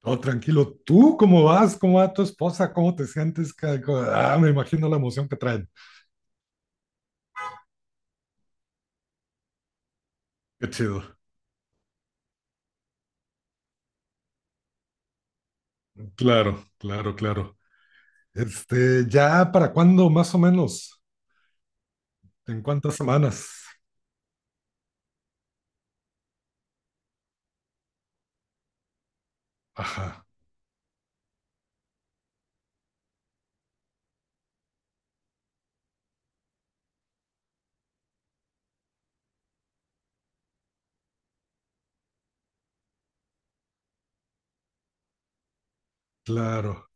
Todo tranquilo. ¿Tú cómo vas? ¿Cómo va tu esposa? ¿Cómo te sientes? Me imagino la emoción que traen. Qué chido. Claro, claro, claro. ¿Ya para cuándo más o menos? ¿En cuántas semanas? Ajá, claro.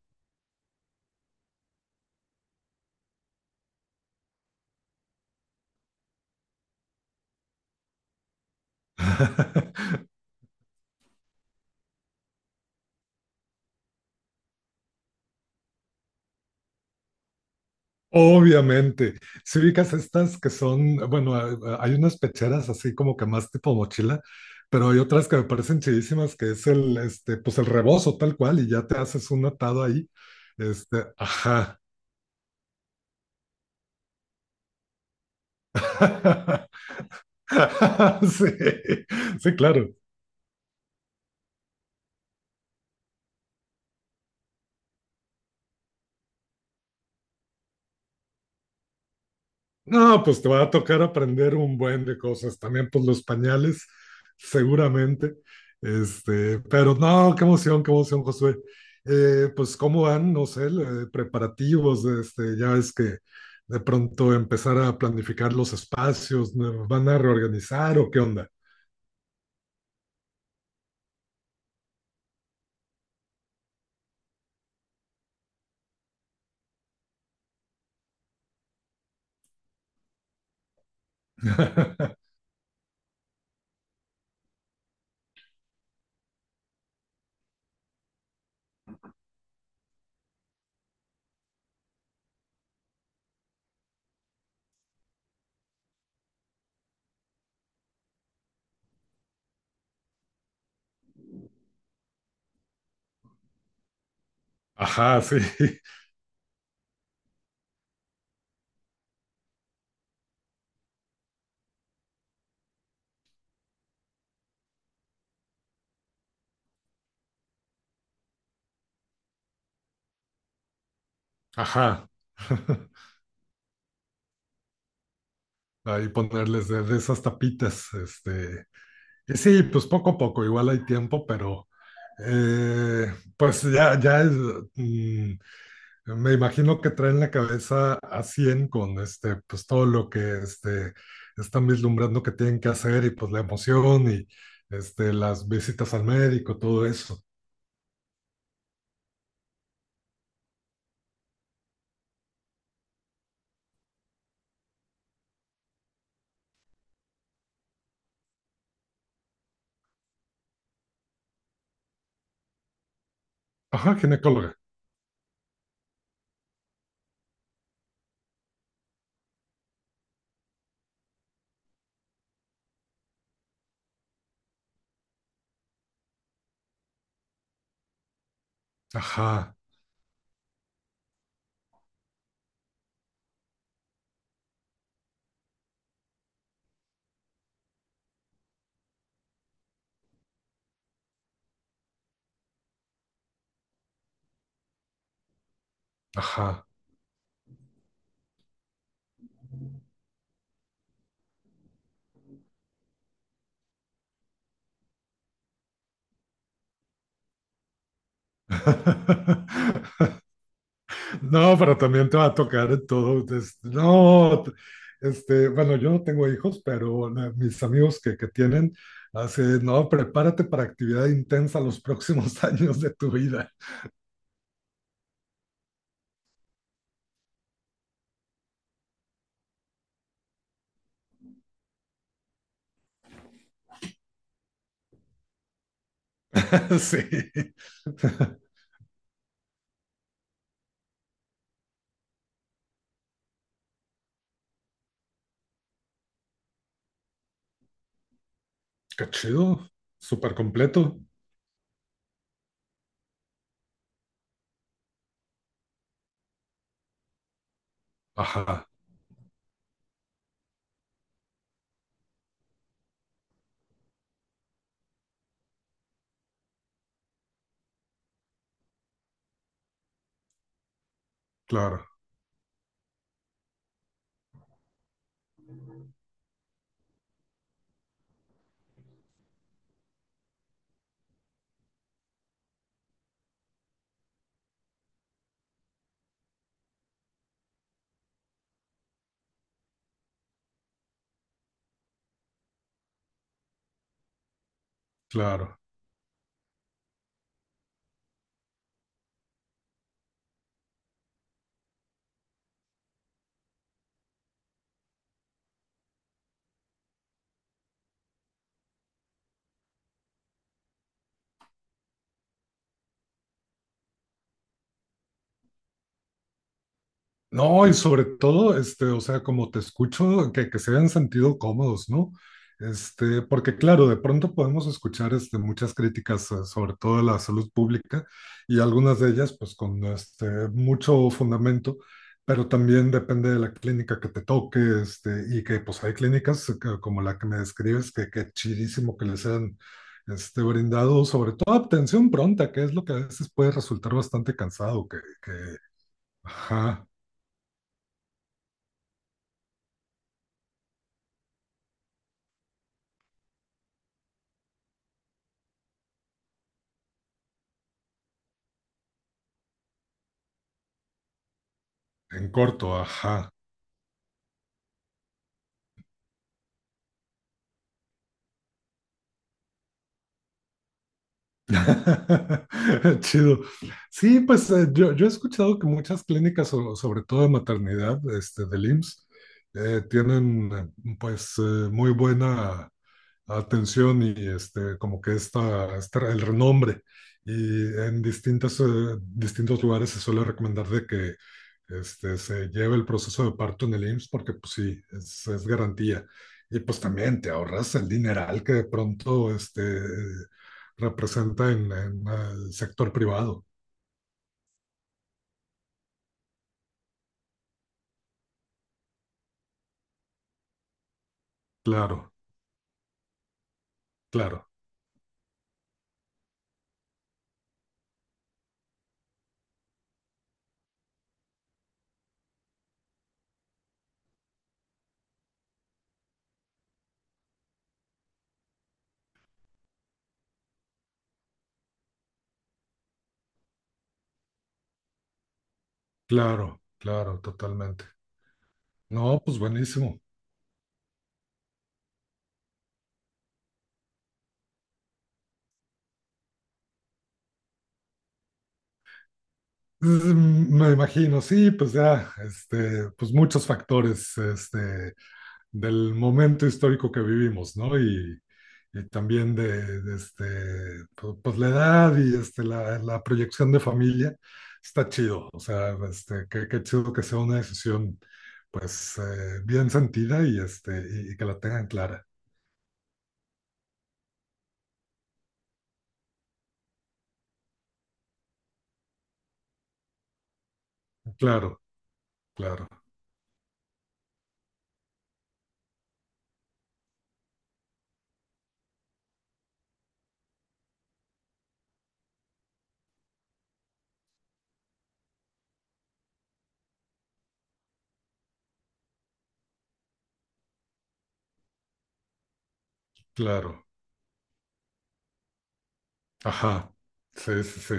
Obviamente. Si ubicas estas que son, bueno, hay unas pecheras así como que más tipo mochila, pero hay otras que me parecen chidísimas que es pues el rebozo tal cual y ya te haces un atado ahí. Ajá. Sí, sí, claro. No, pues te va a tocar aprender un buen de cosas. También, pues los pañales, seguramente. Pero no, qué emoción, Josué. Pues, ¿cómo van, no sé, preparativos? Ya ves que de pronto empezar a planificar los espacios, ¿no? ¿Van a reorganizar o qué onda? Ajá, sí, ajá. Ahí ponerles de esas tapitas, y sí, pues poco a poco, igual hay tiempo, pero eh, pues ya es, mm, me imagino que traen la cabeza a 100 con pues todo lo que están vislumbrando que tienen que hacer y pues la emoción y este, las visitas al médico, todo eso. Ajá, ginecóloga. Ajá, ajá. No, pero también te va a tocar todo. Des- No, t- este, Bueno, yo no tengo hijos, pero mis amigos que tienen, así, no, prepárate para actividad intensa los próximos años de tu vida. Sí, qué chido, súper completo. Ajá, claro, claro. No, y sobre todo, o sea, como te escucho, que se hayan sentido cómodos, ¿no? Porque claro, de pronto podemos escuchar, muchas críticas, sobre todo de la salud pública, y algunas de ellas, pues, con, mucho fundamento, pero también depende de la clínica que te toque, y que, pues, hay clínicas como la que me describes, que chidísimo que les han, brindado, sobre todo atención pronta, que es lo que a veces puede resultar bastante cansado, ajá. En corto, ajá. Chido. Sí, pues yo he escuchado que muchas clínicas, sobre todo de maternidad, del IMSS, tienen muy buena atención y como que el renombre. Y en distintas, distintos lugares se suele recomendar de que se lleve el proceso de parto en el IMSS porque pues sí, es garantía. Y pues también te ahorras el dineral que de pronto representa en el sector privado. Claro, claro, claro, claro, totalmente. No, pues buenísimo. Pues, mm, me imagino, sí, pues ya, pues muchos factores, del momento histórico que vivimos, ¿no? Y también de pues la edad y este, la proyección de familia, está chido, o sea, qué chido que sea una decisión, pues, bien sentida y y que la tengan clara. Claro, claro, claro, ajá, sí, sí, sí,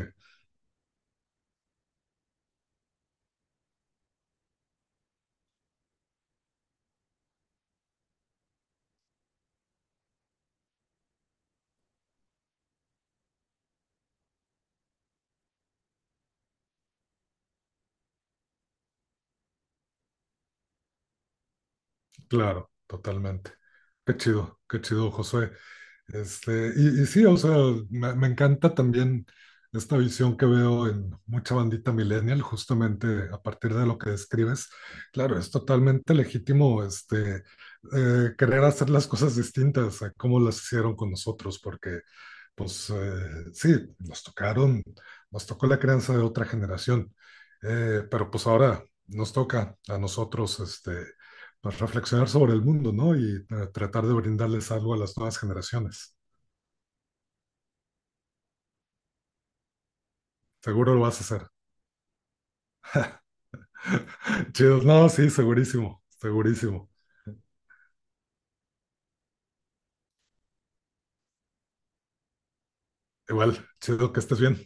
claro, totalmente. Qué chido, Josué. Y sí, o sea, me encanta también esta visión que veo en mucha bandita millennial, justamente a partir de lo que describes. Claro, es totalmente legítimo querer hacer las cosas distintas a cómo las hicieron con nosotros, porque pues sí, nos tocaron, nos tocó la crianza de otra generación. Pero pues ahora nos toca a nosotros pues, reflexionar sobre el mundo, ¿no? Y tratar de brindarles algo a las nuevas generaciones. Seguro lo vas a hacer. Chido. No, sí, segurísimo, segurísimo. Igual, chido que estés bien.